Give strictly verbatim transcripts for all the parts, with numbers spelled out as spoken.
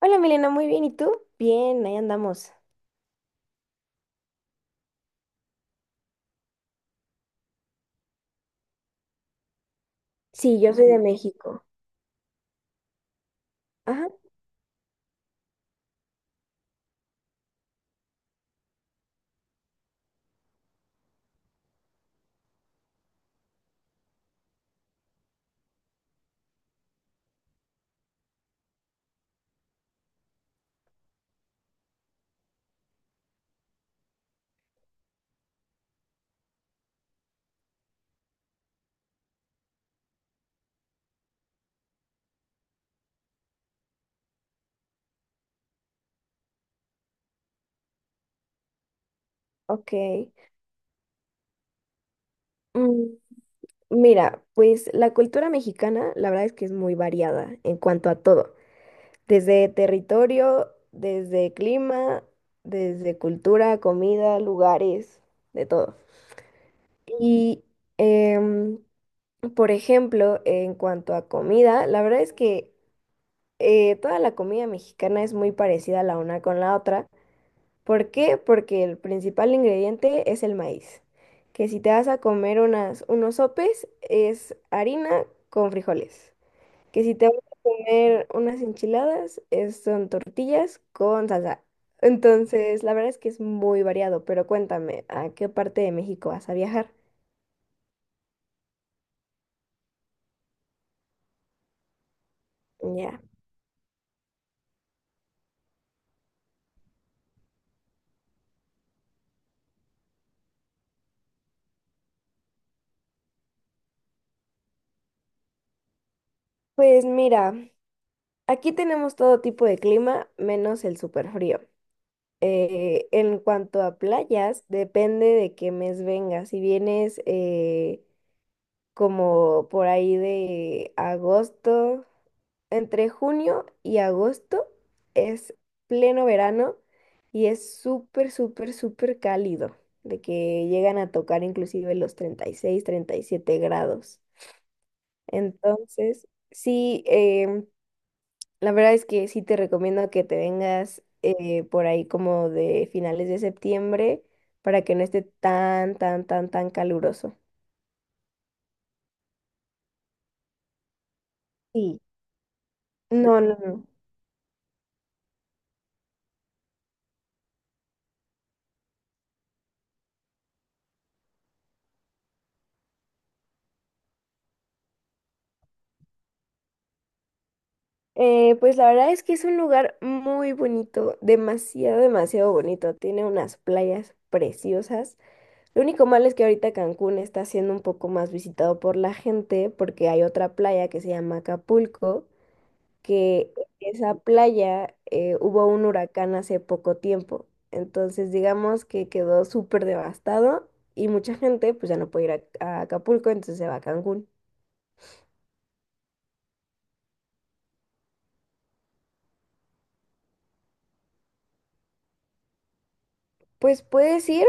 Hola Milena, muy bien. ¿Y tú? Bien, ahí andamos. Sí, yo soy de México. Ajá, ok. Mm, Mira, pues la cultura mexicana, la verdad es que es muy variada en cuanto a todo, desde territorio, desde clima, desde cultura, comida, lugares, de todo. Y, em, por ejemplo, en cuanto a comida, la verdad es que eh, toda la comida mexicana es muy parecida la una con la otra. ¿Por qué? Porque el principal ingrediente es el maíz, que si te vas a comer unas, unos sopes es harina con frijoles, que si te vas a comer unas enchiladas es- son tortillas con salsa. Entonces, la verdad es que es muy variado, pero cuéntame, ¿a qué parte de México vas a viajar? Ya. Pues mira, aquí tenemos todo tipo de clima menos el súper frío. Eh, en cuanto a playas, depende de qué mes vengas. Si vienes eh, como por ahí de agosto, entre junio y agosto es pleno verano y es súper, súper, súper cálido, de que llegan a tocar inclusive los treinta treinta y seis treinta y siete grados. Entonces, sí, em, la verdad es que sí te recomiendo que te vengas eh, por ahí como de finales de septiembre para que no esté tan, tan, tan, tan caluroso. Sí. No, no, no. Eh, pues la verdad es que es un lugar muy bonito, demasiado, demasiado bonito. Tiene unas playas preciosas. Lo único malo es que ahorita Cancún está siendo un poco más visitado por la gente porque hay otra playa que se llama Acapulco que en esa playa eh, hubo un huracán hace poco tiempo. Entonces, digamos que quedó súper devastado y mucha gente pues ya no puede ir a, a Acapulco, entonces se va a Cancún. Pues puedes ir,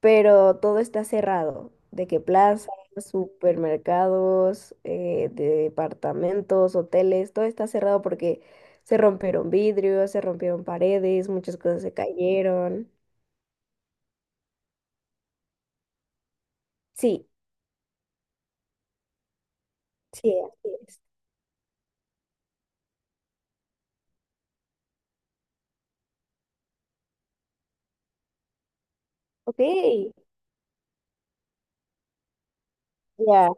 pero todo está cerrado, de que plazas, supermercados, eh, departamentos, hoteles, todo está cerrado porque se rompieron vidrios, se rompieron paredes, muchas cosas se cayeron. Sí, sí, así es. Ok, ya.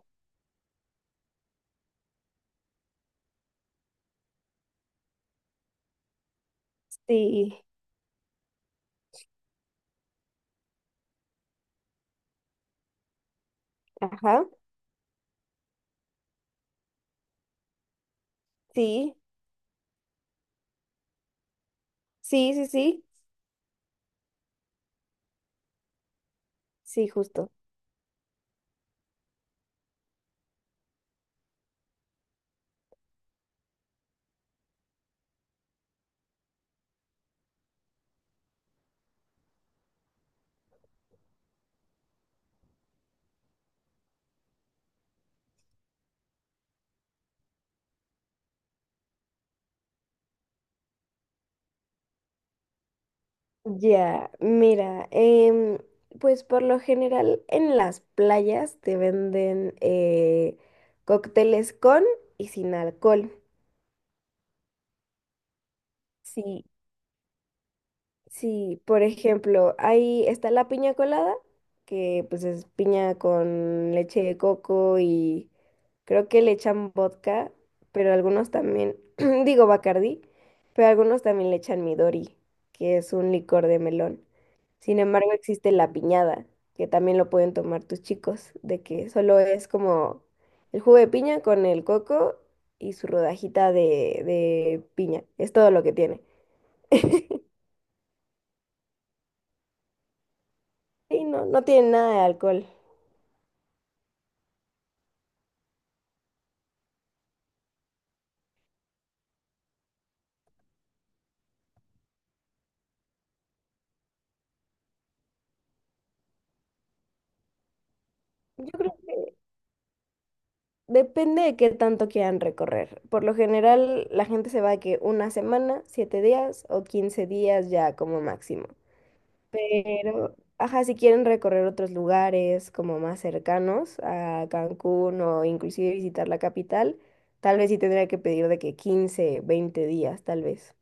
Sí, ajá, sí, sí, sí, sí, sí, justo. Ya, mira, em, pues por lo general en las playas te venden eh, cócteles con y sin alcohol. Sí, Sí, por ejemplo, ahí está la piña colada, que pues es piña con leche de coco y creo que le echan vodka, pero algunos también, digo Bacardí, pero algunos también le echan Midori, que es un licor de melón. Sin embargo, existe la piñada, que también lo pueden tomar tus chicos, de que solo es como el jugo de piña con el coco y su rodajita de, de piña. Es todo lo que tiene. Y no, no tiene nada de alcohol. Yo creo, depende de qué tanto quieran recorrer. Por lo general, la gente se va de que una semana, siete días o quince días ya como máximo. Pero, ajá, si quieren recorrer otros lugares como más cercanos a Cancún o inclusive visitar la capital, tal vez sí tendría que pedir de que quince, veinte días, tal vez.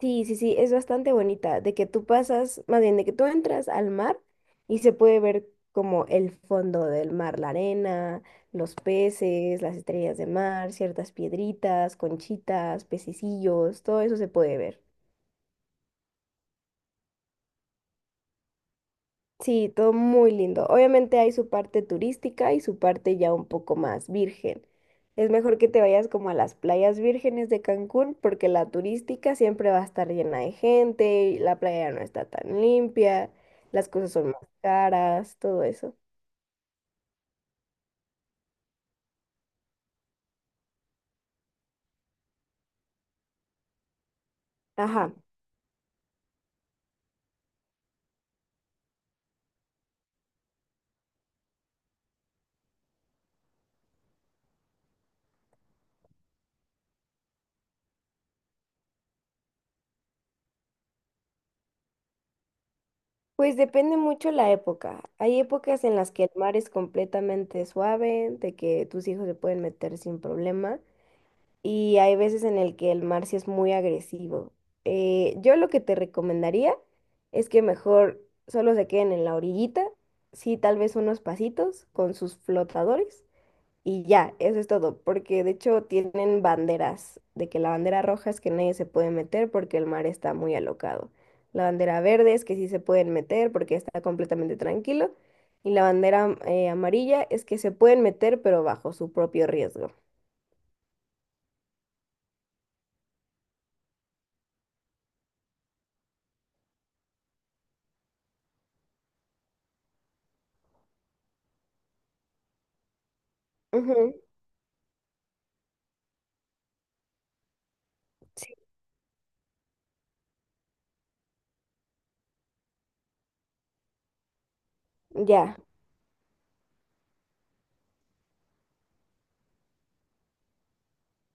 Sí, sí, sí, es bastante bonita, de que tú pasas, más bien de que tú entras al mar y se puede ver como el fondo del mar, la arena, los peces, las estrellas de mar, ciertas piedritas, conchitas, pececillos, todo eso se puede ver. Sí, todo muy lindo. Obviamente hay su parte turística y su parte ya un poco más virgen. Es mejor que te vayas como a las playas vírgenes de Cancún porque la turística siempre va a estar llena de gente, y la playa no está tan limpia, las cosas son más caras, todo eso. Ajá. Pues depende mucho la época. Hay épocas en las que el mar es completamente suave, de que tus hijos se pueden meter sin problema. Y hay veces en el que el mar sí es muy agresivo. Eh, yo lo que te recomendaría es que mejor solo se queden en la orillita, sí, tal vez unos pasitos con sus flotadores y ya, eso es todo, porque de hecho tienen banderas, de que la bandera roja es que nadie se puede meter porque el mar está muy alocado. La bandera verde es que sí se pueden meter porque está completamente tranquilo. Y la bandera eh, amarilla es que se pueden meter, pero bajo su propio riesgo. Ujú, sí. Ya.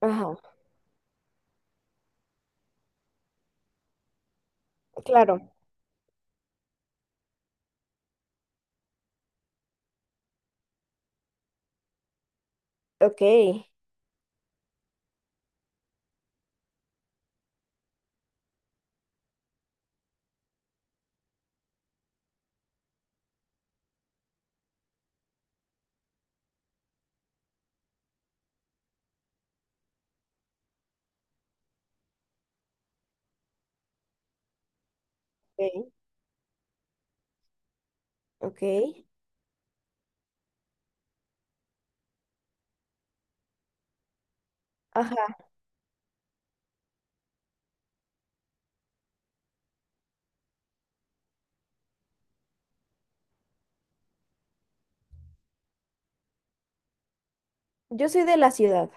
Ajá, claro. Ok, ok, ok. Ajá, yo soy de la ciudad.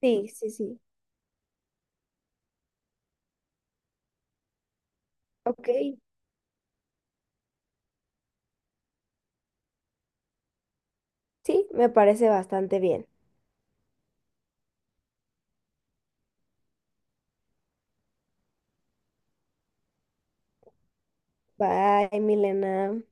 Sí, sí, sí. Ok, sí, me parece bastante bien. Bye, Milena.